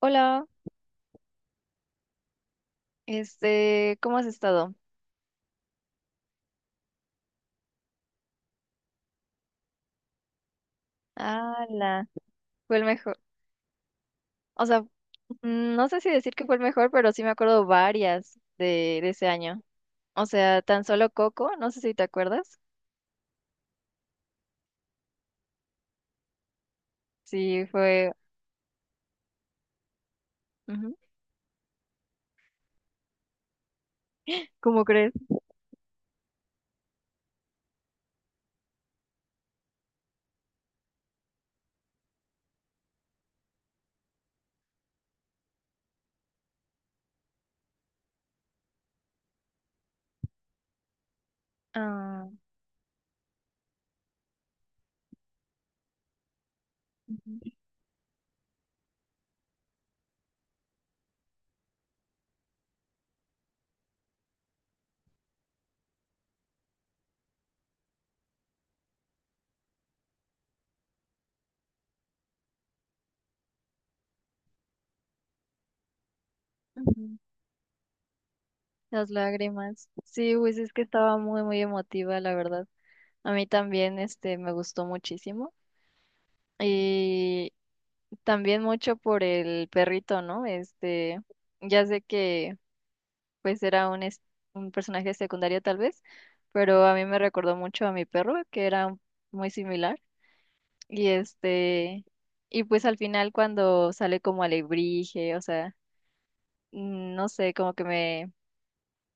Hola, este, ¿cómo has estado? Ala, fue el mejor. O sea, no sé si decir que fue el mejor, pero sí me acuerdo varias de ese año. O sea, tan solo Coco, no sé si te acuerdas. Sí, fue. Ujú. ¿Cómo crees? Ah, ujú, ujú. Las lágrimas. Sí, pues es que estaba muy, muy emotiva, la verdad. A mí también, este, me gustó muchísimo. Y también mucho por el perrito, ¿no? Este, ya sé que. Pues era un, un personaje secundario tal vez, pero a mí me recordó mucho a mi perro, que era muy similar. Y este, y pues al final cuando sale como alebrije, o sea, no sé, como que me,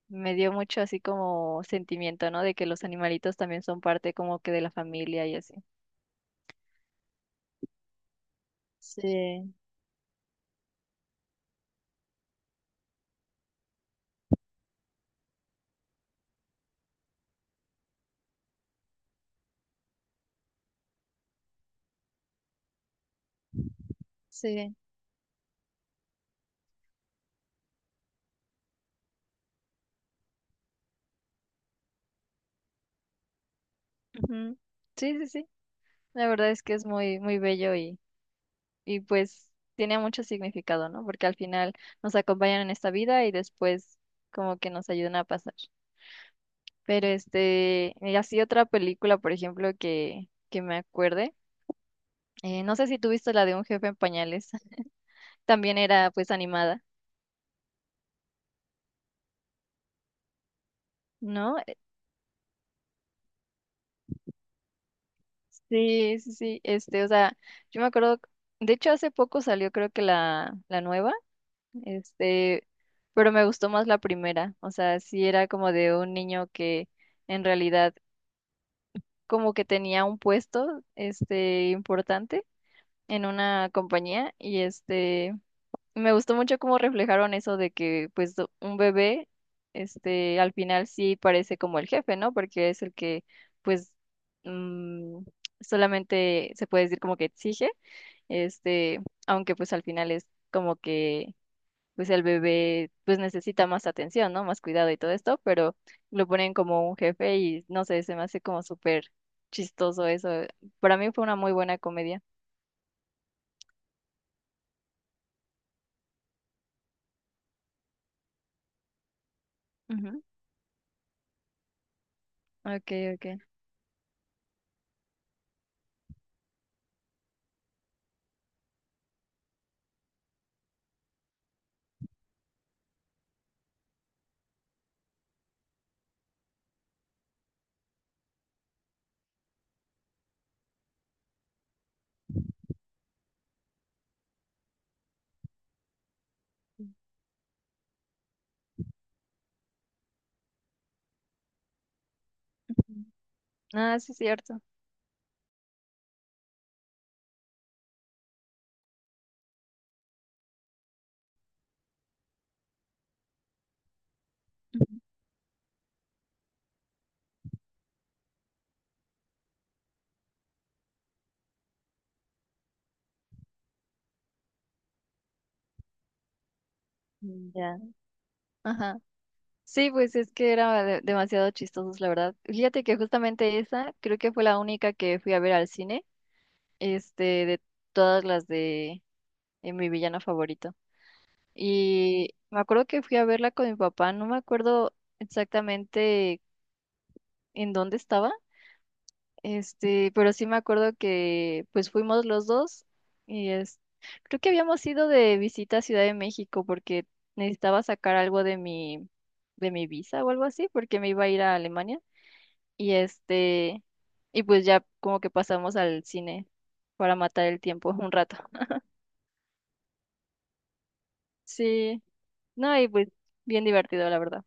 me dio mucho así como sentimiento, ¿no? De que los animalitos también son parte como que de la familia y así. Sí, sí. Ujú. Sí, sí, sí. La verdad es que es muy, muy bello y pues tiene mucho significado, ¿no? Porque al final nos acompañan en esta vida y después como que nos ayudan a pasar. Pero este, y así otra película, por ejemplo, que me acuerde, no sé si tú viste la de un jefe en pañales, también era pues animada, ¿no? Sí, sí, sí, este, o sea, yo me acuerdo, de hecho hace poco salió creo que la nueva, este, pero me gustó más la primera, o sea, sí era como de un niño que en realidad como que tenía un puesto, este, importante en una compañía y este, me gustó mucho cómo reflejaron eso de que, pues, un bebé, este, al final sí parece como el jefe, ¿no? Porque es el que, pues, mm, solamente se puede decir como que exige, este, aunque pues al final es como que pues el bebé pues necesita más atención, ¿no? Más cuidado y todo esto, pero lo ponen como un jefe y no sé, se me hace como súper chistoso eso. Para mí fue una muy buena comedia. Ujú. Ok, ok. Ujú. Ah, sí, es cierto. Ujú. Ya. Ajá. Sí, pues es que era demasiado chistosos, la verdad. Fíjate que justamente esa creo que fue la única que fui a ver al cine, este, de todas las de mi villano favorito. Y me acuerdo que fui a verla con mi papá, no me acuerdo exactamente en dónde estaba, este, pero sí me acuerdo que pues fuimos los dos y es, creo que habíamos ido de visita a Ciudad de México porque necesitaba sacar algo de mi visa o algo así, porque me iba a ir a Alemania y este, y pues ya como que pasamos al cine para matar el tiempo un rato. Sí, no, y pues bien divertido, la verdad.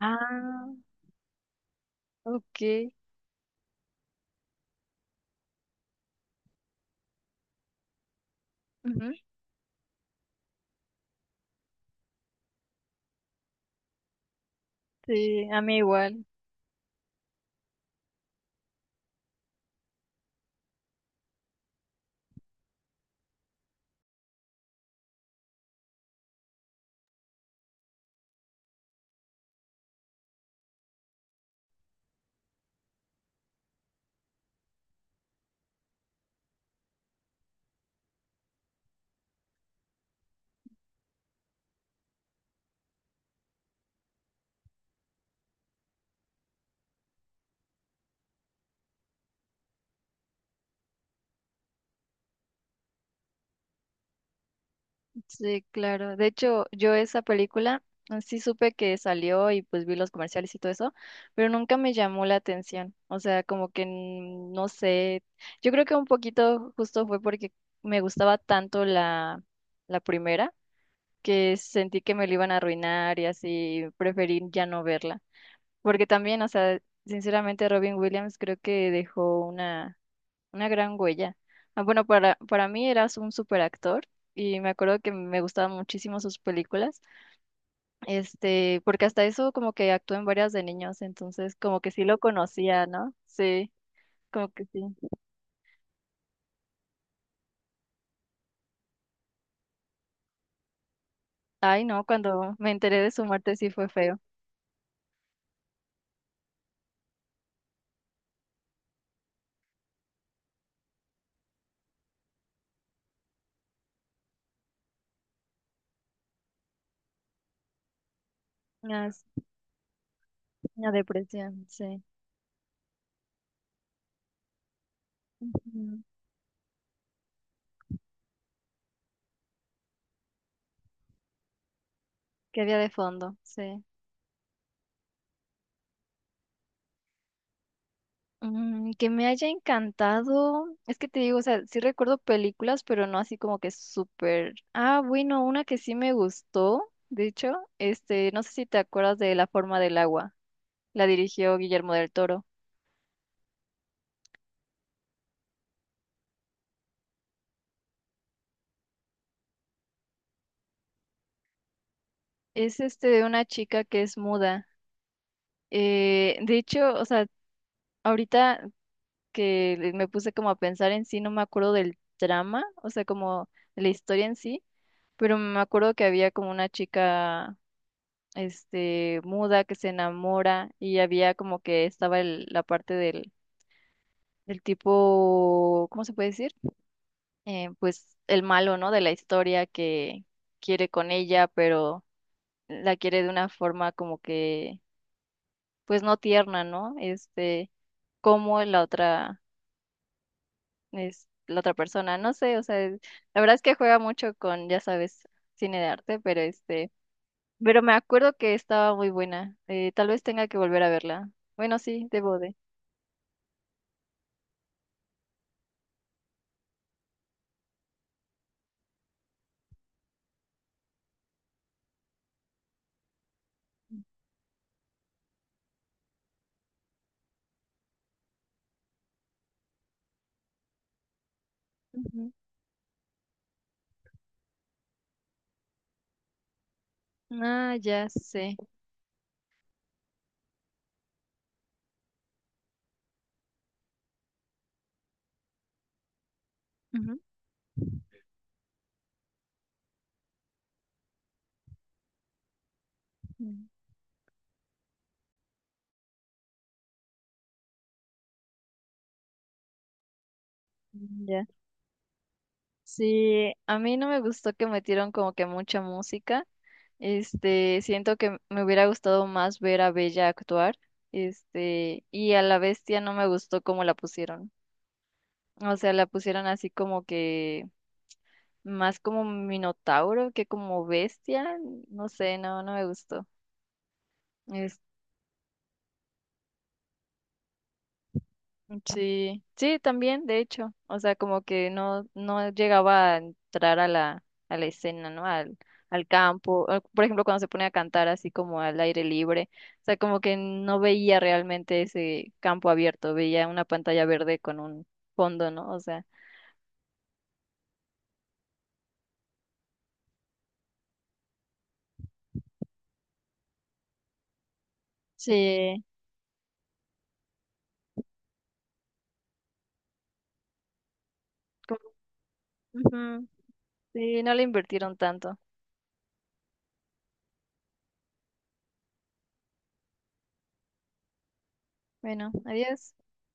Ah, ok. Ujú. Sí, a mí igual. Sí, claro. De hecho, yo esa película sí supe que salió y pues vi los comerciales y todo eso, pero nunca me llamó la atención. O sea, como que no sé. Yo creo que un poquito justo fue porque me gustaba tanto la primera que sentí que me lo iban a arruinar y así preferí ya no verla. Porque también, o sea, sinceramente Robin Williams creo que dejó una gran huella. Ah, bueno, para mí eras un superactor y me acuerdo que me gustaban muchísimo sus películas, este, porque hasta eso como que actuó en varias de niños, entonces como que sí lo conocía, ¿no? Sí, como que sí. Ay, no, cuando me enteré de su muerte sí fue feo. Una, una depresión, sí. Ujú. Que había de fondo, sí. Que me haya encantado. Es que te digo, o sea, sí recuerdo películas, pero no así como que súper. Ah, bueno, una que sí me gustó, de hecho, este, no sé si te acuerdas de La forma del agua. La dirigió Guillermo del Toro. Es este de una chica que es muda. De hecho, o sea, ahorita que me puse como a pensar en sí, no me acuerdo del drama, o sea, como de la historia en sí, pero me acuerdo que había como una chica. Este, muda que se enamora y había como que estaba la parte del tipo, ¿cómo se puede decir? Pues el malo, ¿no? De la historia que quiere con ella, pero la quiere de una forma como que, pues no tierna, ¿no? Este, como la otra, es la otra persona, no sé, o sea, la verdad es que juega mucho con, ya sabes, cine de arte, pero este, pero me acuerdo que estaba muy buena, tal vez tenga que volver a verla. Bueno, sí, debo de. Ujú. Ah, ya sé. Ujú. Mm. Ya. Sí, a mí no me gustó que metieron como que mucha música. Este, siento que me hubiera gustado más ver a Bella actuar. Este, y a la bestia no me gustó cómo la pusieron. O sea, la pusieron así como que más como minotauro que como bestia. No sé, no, no me gustó. Sí, sí, también, de hecho, o sea, como que no, no llegaba a entrar a la escena, ¿no? Al campo, o, por ejemplo, cuando se pone a cantar así como al aire libre, o sea, como que no veía realmente ese campo abierto, veía una pantalla verde con un fondo, ¿no? O sea, sí, como- ujú, sí, no le invirtieron tanto. Bueno, adiós.